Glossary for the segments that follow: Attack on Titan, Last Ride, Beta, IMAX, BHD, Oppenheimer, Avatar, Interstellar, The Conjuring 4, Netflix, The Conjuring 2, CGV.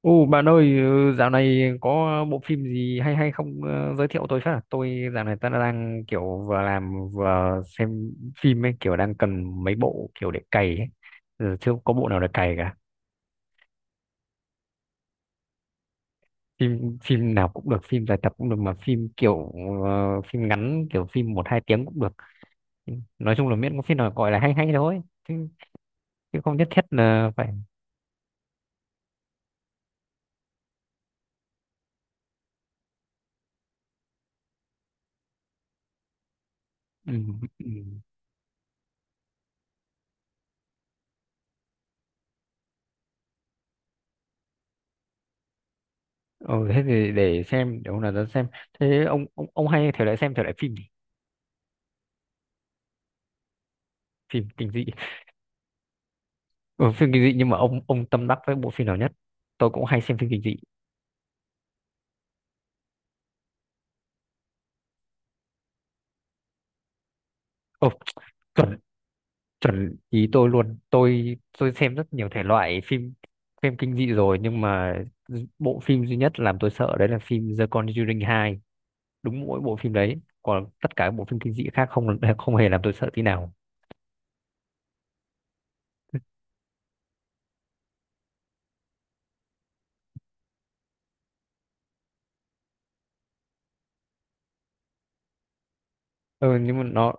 Ồ bạn ơi, dạo này có bộ phim gì hay hay không, giới thiệu tôi phát. Tôi dạo này ta đang kiểu vừa làm vừa xem phim ấy, kiểu đang cần mấy bộ kiểu để cày ấy. Ừ, chưa có bộ nào để cày cả. Phim phim nào cũng được, phim dài tập cũng được, mà phim kiểu phim ngắn, kiểu phim một hai tiếng cũng được. Nói chung là miễn có phim nào gọi là hay hay thôi. Chứ, chứ không nhất thiết là phải ừ, ừ. Ừ, thế thì để xem, để hôm nào ra xem. Thế ông hay thể loại xem thể loại phim gì? Phim kinh dị. Ừ, phim kinh dị, nhưng mà ông tâm đắc với bộ phim nào nhất? Tôi cũng hay xem phim kinh dị. Ồ, chuẩn, chuẩn ý tôi luôn. Tôi xem rất nhiều thể loại phim, phim kinh dị rồi, nhưng mà bộ phim duy nhất làm tôi sợ đấy là phim The Conjuring 2. Đúng mỗi bộ phim đấy, còn tất cả các bộ phim kinh dị khác không không hề làm tôi sợ tí nào. Ừ, nhưng mà nó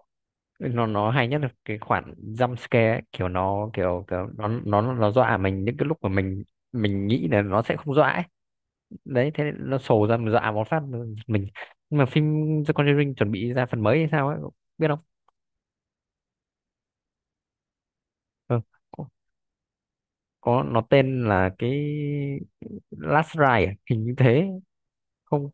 nó nó hay nhất là cái khoản jump scare ấy, kiểu nó kiểu, kiểu nó dọa mình những cái lúc mà mình nghĩ là nó sẽ không dọa ấy. Đấy, thế nên nó sổ ra, mình dọa một phát mình. Nhưng mà phim The Conjuring chuẩn bị ra phần mới hay sao ấy, biết không? Ừ. có, có, nó tên là cái Last Ride à? Hình như thế. Không,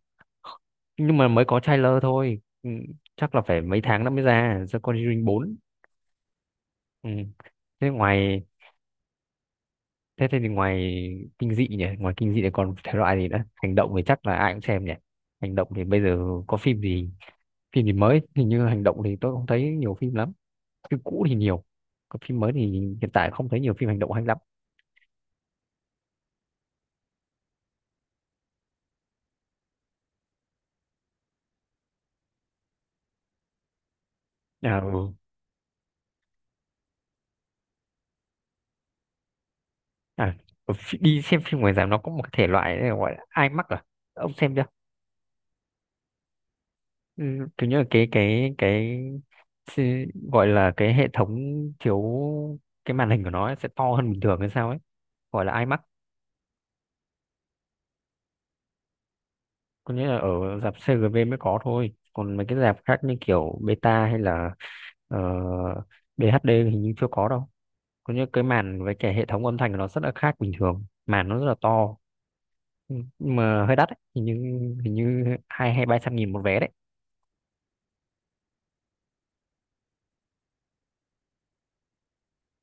nhưng mà mới có trailer thôi. Ừ. Chắc là phải mấy tháng nữa mới ra The Conjuring 4. Ừ. thế ngoài thế thì ngoài kinh dị nhỉ, ngoài kinh dị thì còn thể loại gì nữa? Hành động thì chắc là ai cũng xem nhỉ. Hành động thì bây giờ có phim gì, phim gì mới? Hình như hành động thì tôi không thấy nhiều phim lắm. Phim cũ thì nhiều, còn phim mới thì hiện tại không thấy nhiều phim hành động hay lắm. À, ừ. À, đi xem phim ngoài rạp nó có một thể loại này gọi là IMAX à, ông xem chưa? Ừ, kiểu như là cái xi- gọi là cái hệ thống chiếu, cái màn hình của nó ấy sẽ to hơn bình thường hay sao ấy, gọi là IMAX. Có nghĩa là ở rạp CGV mới có thôi, còn mấy cái rạp khác như kiểu Beta hay là ờ, BHD thì hình như chưa có đâu. Có những cái màn với cái hệ thống âm thanh của nó rất là khác bình thường, màn nó rất là to. Ừ, nhưng mà hơi đắt ấy. Hình như, hình như hai hay ba trăm nghìn một vé đấy.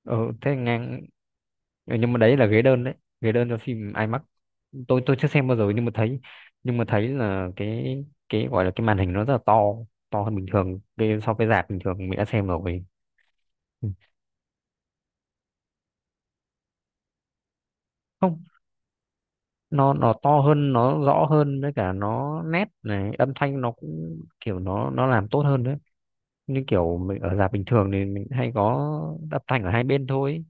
Ừ, thế ngang. Ừ, nhưng mà đấy là ghế đơn đấy, ghế đơn cho phim IMAX. Tôi chưa xem bao giờ, nhưng mà thấy, nhưng mà thấy là cái gọi là cái màn hình nó rất là to, to hơn bình thường, cái so với rạp bình thường mình đã xem rồi. Ừ. Không, nó to hơn, nó rõ hơn, với cả nó nét này, âm thanh nó cũng kiểu nó làm tốt hơn đấy. Như kiểu mình ở rạp bình thường thì mình hay có âm thanh ở hai bên thôi,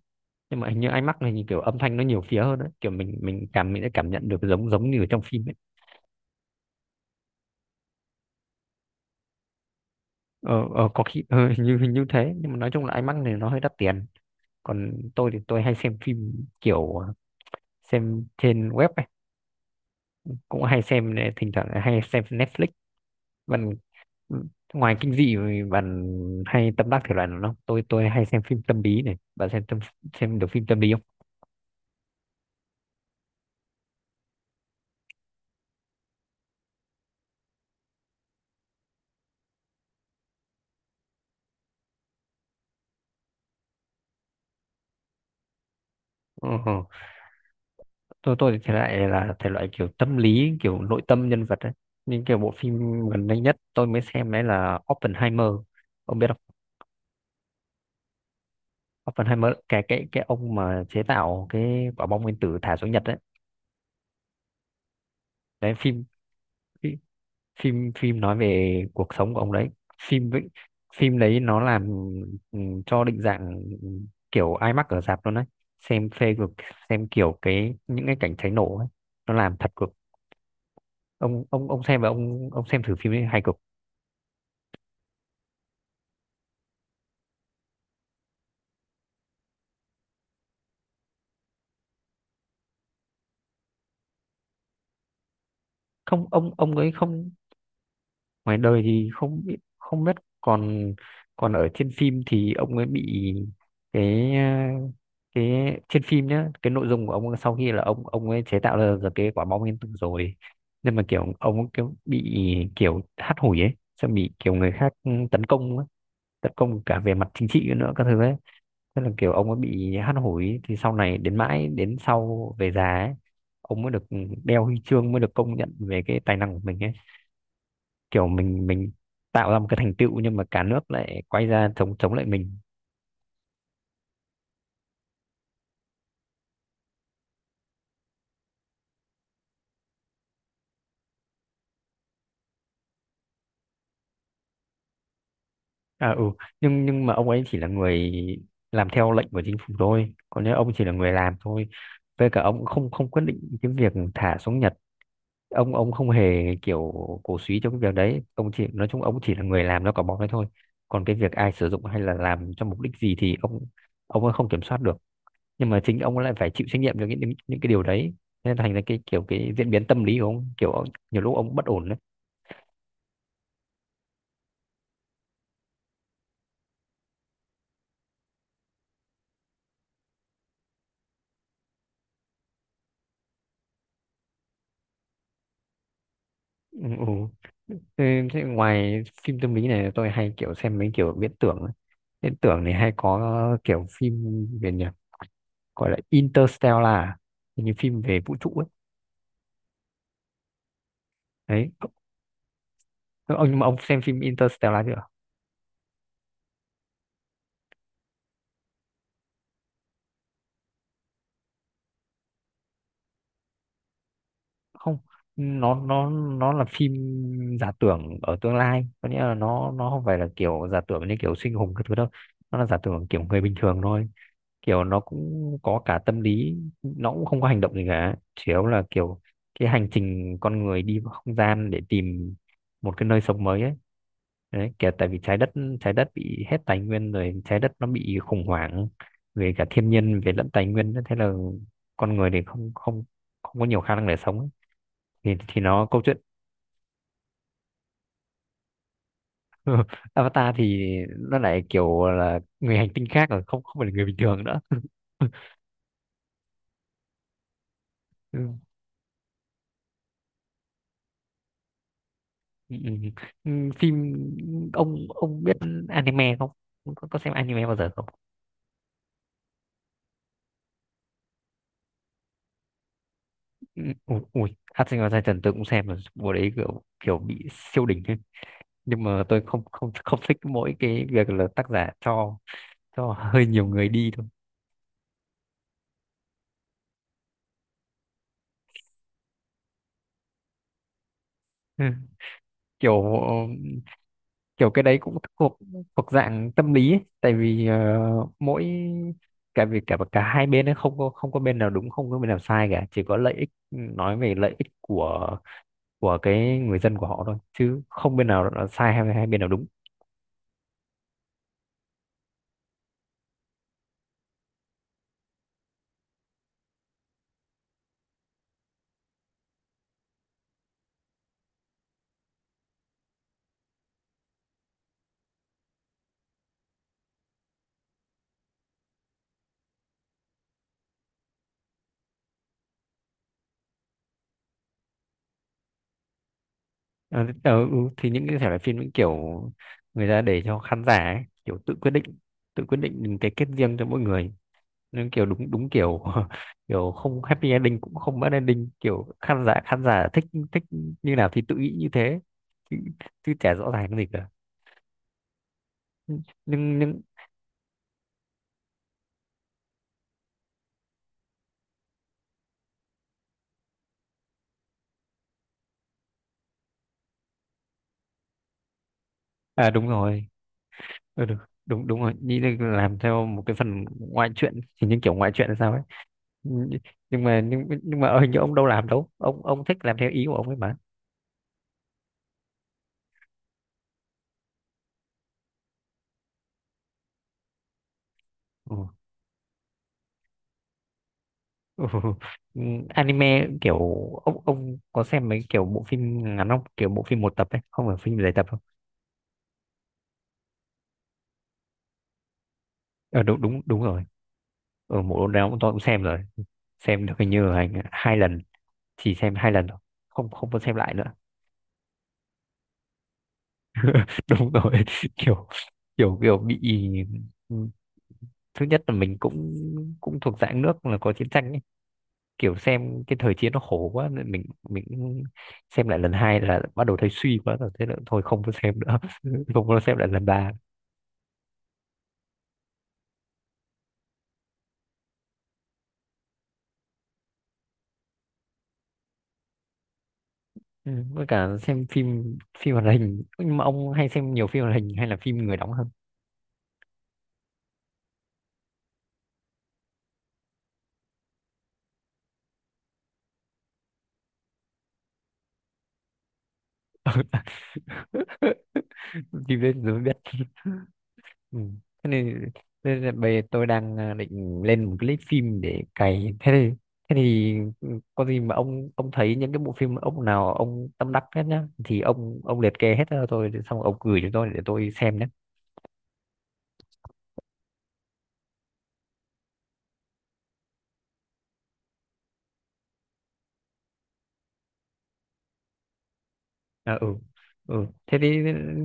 nhưng mà hình như IMAX này thì kiểu âm thanh nó nhiều phía hơn đấy, kiểu mình sẽ cảm nhận được giống, giống như ở trong phim ấy. Ờ có khi hình như, hình như thế, nhưng mà nói chung là IMAX này nó hơi đắt tiền. Còn tôi thì tôi hay xem phim kiểu xem trên web ấy, cũng hay xem, thỉnh thoảng hay xem Netflix. Bạn, ngoài kinh dị thì bạn hay tâm đắc thể loại nào không? Tôi hay xem phim tâm lý này, bạn xem xem được phim tâm lý không? Ờ. Tôi thì thể loại là thể loại kiểu tâm lý kiểu nội tâm nhân vật ấy, nhưng kiểu bộ phim gần đây nhất tôi mới xem đấy là Oppenheimer, ông biết không? Oppenheimer, cái ông mà chế tạo cái quả bom nguyên tử thả xuống Nhật đấy. Đấy, phim phim phim phim nói về cuộc sống của ông đấy. Phim với phim đấy nó làm, ừ, cho định dạng kiểu IMAX ở rạp luôn đấy. Xem phê cực, xem kiểu cái những cái cảnh cháy nổ ấy, nó làm thật cực. Ông xem, và ông xem thử phim ấy, hay cực. Không, ông ấy không, ngoài đời thì không biết, không biết. Còn, còn ở trên phim thì ông ấy bị cái cái trên phim nhá, cái nội dung của ông ấy sau khi là ông ấy chế tạo ra được cái quả bom nguyên tử rồi. Nhưng mà kiểu ông ấy kiểu bị, kiểu hắt hủi ấy, xong bị kiểu người khác tấn công ấy. Tấn công cả về mặt chính trị nữa, các thứ ấy. Tức là kiểu ông ấy bị hắt hủi, thì sau này đến mãi đến sau về già ấy, ông mới được đeo huy chương, mới được công nhận về cái tài năng của mình ấy. Kiểu mình tạo ra một cái thành tựu, nhưng mà cả nước lại quay ra chống chống lại mình. À ừ, nhưng mà ông ấy chỉ là người làm theo lệnh của chính phủ thôi, còn nếu ông chỉ là người làm thôi, với cả ông cũng không không quyết định cái việc thả xuống Nhật. Ông không hề kiểu cổ súy cho cái việc đấy, ông chỉ nói chung ông chỉ là người làm nó cỏ bóng đấy thôi. Còn cái việc ai sử dụng hay là làm cho mục đích gì thì ông ấy không kiểm soát được. Nhưng mà chính ông ấy lại phải chịu trách nhiệm cho những cái điều đấy. Nên thành ra cái kiểu cái diễn biến tâm lý của ông, kiểu nhiều lúc ông bất ổn. Ừ. Ừ. Thế, thế ngoài phim tâm lý này tôi hay kiểu xem mấy kiểu viễn tưởng ấy. Viễn tưởng này hay có kiểu phim về nhỉ, gọi là Interstellar à? Hình như phim về vũ trụ ấy. Đấy, ông, nhưng mà ông xem phim Interstellar chưa? Không, nó là phim giả tưởng ở tương lai, có nghĩa là nó không phải là kiểu giả tưởng như kiểu siêu anh hùng cái thứ đâu. Nó là giả tưởng kiểu người bình thường thôi, kiểu nó cũng có cả tâm lý, nó cũng không có hành động gì cả, chủ yếu là kiểu cái hành trình con người đi vào không gian để tìm một cái nơi sống mới ấy. Đấy, kể tại vì trái đất, trái đất bị hết tài nguyên rồi, trái đất nó bị khủng hoảng về cả thiên nhiên về lẫn tài nguyên nữa. Thế là con người thì không không không có nhiều khả năng để sống ấy. Thì nó câu chuyện. Avatar thì nó lại kiểu là người hành tinh khác rồi, không không phải là người bình thường nữa. Ừ, ừ, ừ. Ừ, phim, ông biết anime không, có, có xem anime bao giờ không? Ừ, ui, ui, Attack on Titan tôi cũng xem rồi, bộ đấy kiểu kiểu bị siêu đỉnh ấy. Nhưng mà tôi không không không thích mỗi cái việc là tác giả cho hơi nhiều người đi thôi. Ừ, kiểu, kiểu cái đấy cũng thuộc, thuộc dạng tâm lý ấy. Tại vì mỗi, cả vì cả cả hai bên ấy không có, không có bên nào đúng, không có bên nào sai cả, chỉ có lợi ích, nói về lợi ích của cái người dân của họ thôi, chứ không bên nào là sai hay, hay bên nào đúng. Ờ, ờ, ừ, thì những cái thể loại phim những kiểu người ta để cho khán giả ấy, kiểu tự quyết định, tự quyết định cái kết riêng cho mỗi người, nên kiểu đúng, đúng kiểu kiểu không happy ending cũng không bad ending, kiểu khán giả, khán giả thích, thích như nào thì tự nghĩ như thế. Chứ, chứ chả rõ ràng cái gì cả. Nhưng à, đúng rồi. Ừ, đúng, đúng đúng rồi, nghĩ là làm theo một cái phần ngoại truyện, thì những kiểu ngoại truyện là sao ấy. Nh- nhưng mà hình như ông đâu làm đâu, ông thích làm theo ý của ông ấy mà. Ừ. Ừ. Ừ, anime kiểu, ông có xem mấy kiểu bộ phim ngắn không, kiểu bộ phim một tập ấy, không phải phim dài tập không? Ờ đúng, đúng, đúng rồi, ở bộ nào cũng tôi cũng xem rồi. Xem được hình như là hai lần, chỉ xem hai lần thôi, không không có xem lại nữa. Đúng rồi, kiểu, kiểu, kiểu bị, thứ nhất là mình cũng, cũng thuộc dạng nước là có chiến tranh ấy. Kiểu xem cái thời chiến nó khổ quá, nên mình cũng xem lại lần hai là bắt đầu thấy suy quá rồi, thế là thôi không có xem nữa. Không có xem lại lần ba. Ừ, với cả xem phim, phim hoạt hình, nhưng mà ông hay xem nhiều phim hoạt hình hay là phim người đóng hơn? Phim đấy rồi mới biết. Ừ. Thế nên, nên là bây giờ tôi đang định lên một cái list phim để cày, thế thì, thế thì ừ, có gì mà ông thấy những cái bộ phim ông nào ông tâm đắc hết nhá, thì ông liệt kê hết cho tôi, rồi xong ông gửi cho tôi để tôi xem nhé. À, ừ, ừ, thế thì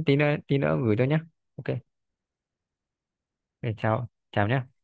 tí nữa gửi tôi nhé, ok. Rồi, chào chào nhé.